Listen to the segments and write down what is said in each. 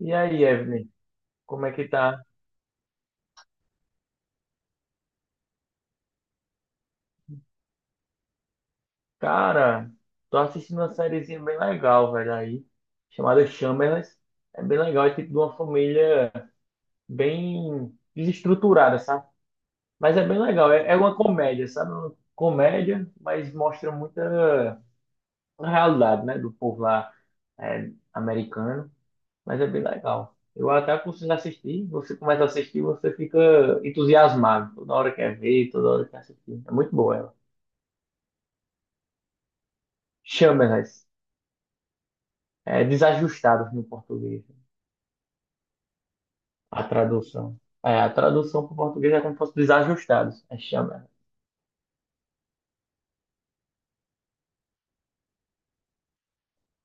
E aí, Evelyn, como é que tá? Cara, tô assistindo uma sériezinha bem legal, velho, aí, chamada Shameless. É bem legal, é tipo de uma família bem desestruturada, sabe? Mas é bem legal, é uma comédia, sabe? Uma comédia, mas mostra muita realidade, né, do povo lá americano. Mas é bem legal. Eu até aconselho assistir, você começa a assistir, você fica entusiasmado. Toda hora quer ver, toda hora quer assistir. É muito boa ela. Shameless. É desajustados no português, a tradução. É, a tradução para o português é como se fosse desajustados, é chama.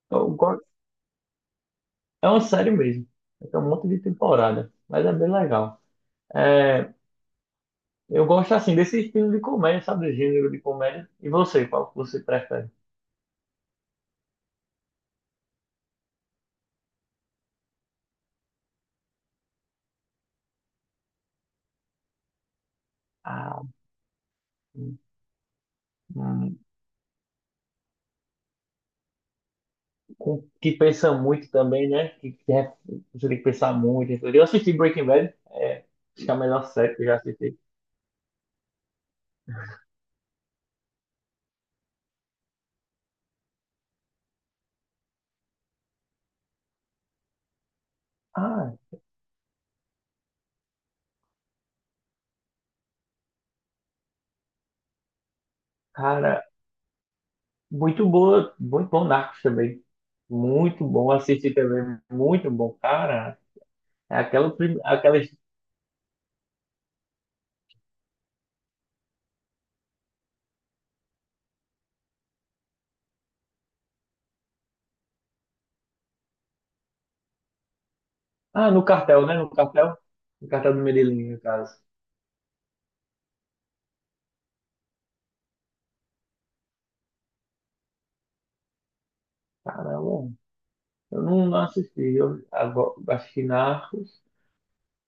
Eu go- É uma série mesmo, tem um monte de temporada, mas é bem legal. É, eu gosto assim desse estilo de comédia, sabe, do gênero de comédia. E você, qual que você prefere? Ah, hum, hum, que pensa muito também, né? Você tem que pensar muito. Eu assisti Breaking Bad, é, acho que é a melhor série que eu já assisti. Ah, cara, muito boa, muito bom Narcos também. Muito bom assistir também, muito bom. Cara, é aquela, aquelas. Ah, no cartel, né? No cartel. No cartel do Medellín, no caso. Caramba, eu não assisti. Assisti Narcos.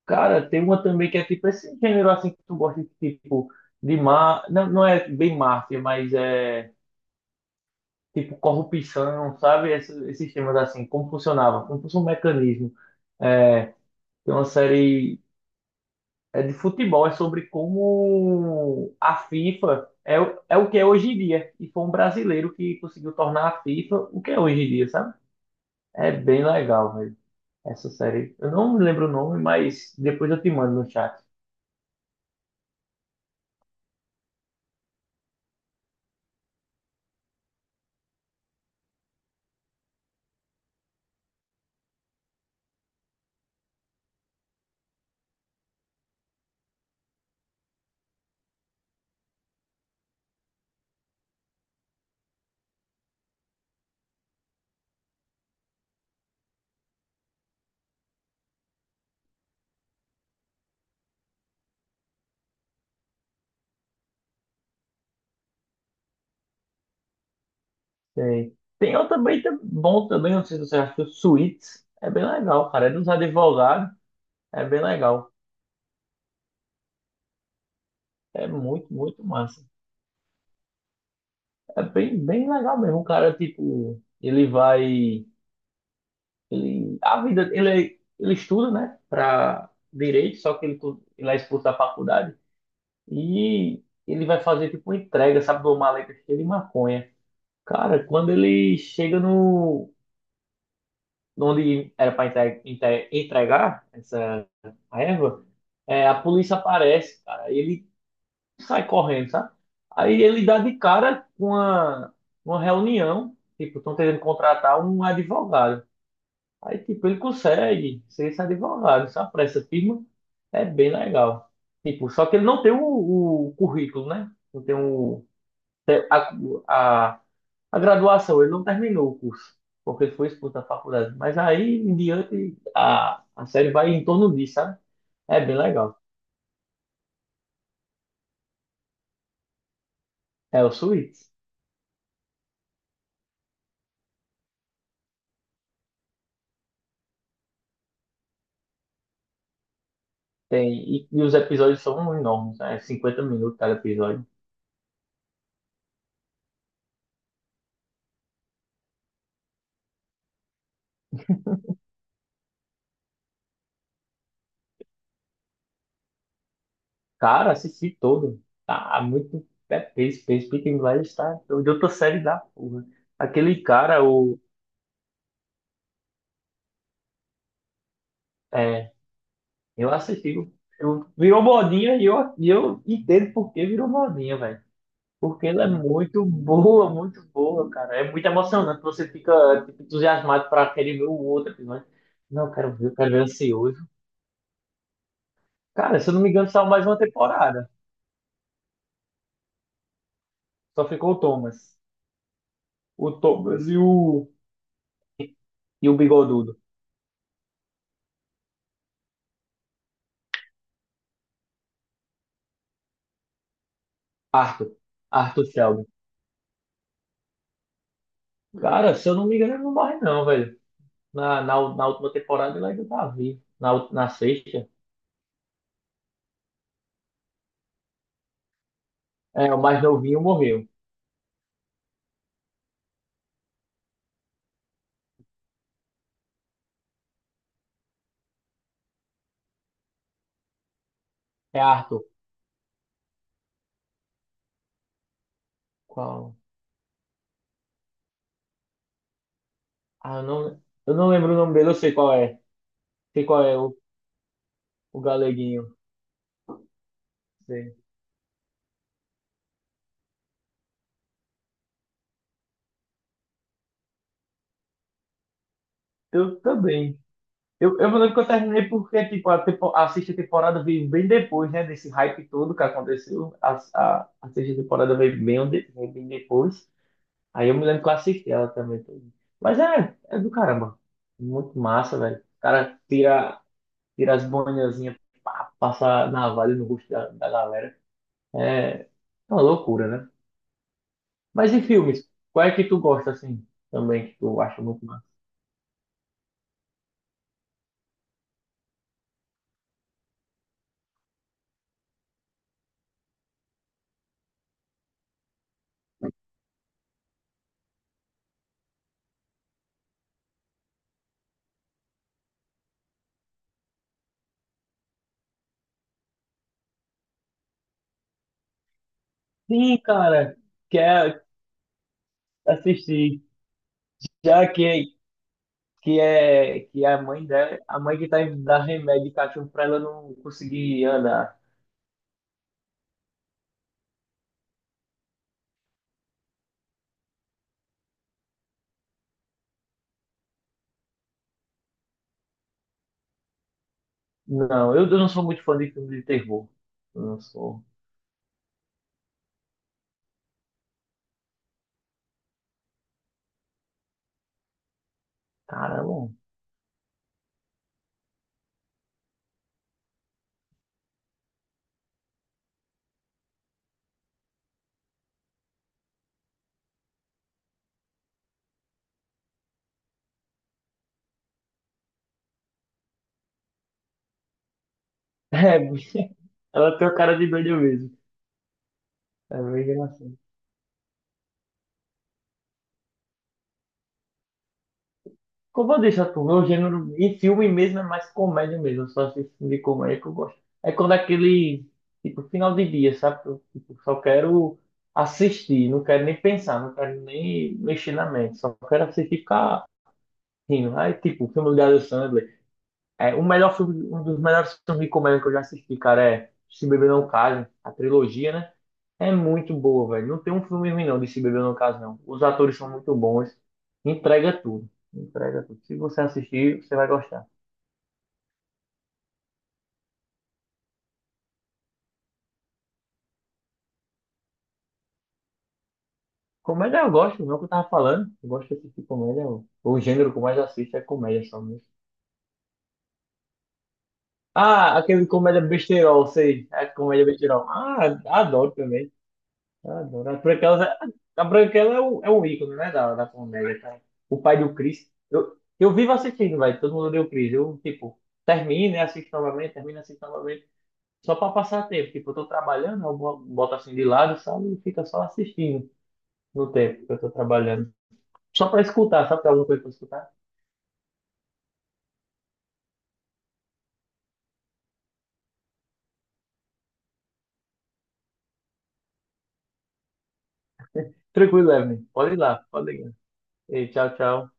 Cara, tem uma também que é tipo esse gênero assim que tu gosta, tipo, de má. Não, não é bem máfia, mas é tipo corrupção, sabe? Esses temas assim, como funcionava, como funciona o mecanismo. É, tem uma série. É de futebol, é sobre como a FIFA é, é o que é hoje em dia. E foi um brasileiro que conseguiu tornar a FIFA o que é hoje em dia, sabe? É bem legal, velho, essa série. Eu não me lembro o nome, mas depois eu te mando no chat. Tem outro também tá bom também, não sei se você achou, Suits. É bem legal, cara. É dos advogados, é bem legal. É muito massa. É bem legal mesmo. O cara, tipo, ele vai. Ele, a vida, ele estuda, né, para direito, só que ele, ele é expulso da faculdade e ele vai fazer tipo uma entrega, sabe, de uma maleta cheia de maconha. Cara, quando ele chega no onde era para entregar essa erva, é, a polícia aparece, cara. E ele sai correndo, sabe? Aí ele dá de cara com uma reunião, tipo, estão tentando contratar um advogado. Aí, tipo, ele consegue ser esse advogado, sabe? Pra essa firma é bem legal. Tipo, só que ele não tem o currículo, né? Não tem o, tem a, a graduação, ele não terminou o curso, porque ele foi expulso da faculdade. Mas aí em diante a série vai em torno disso, sabe? É bem legal. É o Suits. Tem, e os episódios são enormes, né? 50 minutos cada episódio. Cara, assisti todo. Tá muito. É, Peaky Blinders tá de outra série da porra. Aquele cara, o. É, eu assisti. Virou modinha e eu entendo por que virou modinha, velho. Porque ela é muito boa, cara. É muito emocionante. Você fica, tipo, entusiasmado pra querer ver o outro episódio. Não, eu quero ver ansioso. Cara, se eu não me engano, saiu mais uma temporada. Só ficou o Thomas. O Thomas e o. E o Bigodudo. Arthur. Arthur Shelby. Cara, se eu não me engano, ele não morre não, velho. Na última temporada ele ainda tá vivo. Na, na sexta. É, o mais novinho morreu. É Arthur. Qual? Ah, eu não lembro o nome dele, eu sei qual é. Sei qual é o galeguinho. Sei. Eu também. Eu me lembro que eu terminei porque, tipo, a sexta temporada veio bem depois, né? Desse hype todo que aconteceu. A sexta temporada veio bem, veio bem depois. Aí eu me lembro que eu assisti ela também. Mas é, é do caramba. Muito massa, velho. O cara tira, tira as boinazinhas, pá, passa navalha no rosto da galera. É É uma loucura, né? Mas em filmes, qual é que tu gosta, assim, também, que tu acha muito massa? Sim, cara, quer assistir. Já que é a mãe dela, a mãe que tá indo dar remédio de cachorro pra ela não conseguir andar. Não, eu não sou muito fã de filme de terror. Eu não sou. Caramba. É, ela tem a cara de doida mesmo. É bem engraçado. Como eu deixo tu meu gênero em filme mesmo é mais comédia mesmo. Eu só assisto filme de comédia que eu gosto. É quando é aquele, tipo, final de dia, sabe? Eu, tipo, só quero assistir, não quero nem pensar, não quero nem mexer na mente. Só quero assistir e ficar rindo. Aí, tipo, filme do Adam Sandler. É, o melhor filme, um dos melhores filmes de comédia que eu já assisti, cara, é Se Beber Não Case, a trilogia, né? É muito boa, velho. Não tem um filme ruim, não, de Se Beber Não Case, não. Os atores são muito bons. Entrega tudo. Entrega tudo. Se você assistir, você vai gostar. Comédia eu gosto, não é o que eu tava falando. Eu gosto de assistir comédia. O gênero que eu mais assisto é comédia só mesmo. Ah, aquele comédia besterol, sei. É comédia besterol. Ah, adoro também. Adoro. A Branquela é um ícone, né, da comédia, cara. O pai do Chris. Eu vivo assistindo, velho. Todo mundo deu Chris. Eu, tipo, termino e assisto novamente, termino e assisto novamente. Só pra passar tempo. Tipo, eu tô trabalhando, eu boto assim de lado, sabe? E fica só assistindo no tempo que eu tô trabalhando. Só pra escutar, sabe? Tem alguma coisa pra escutar? Tranquilo, Evelyn. Pode ir lá, pode ligar. E tchau, tchau.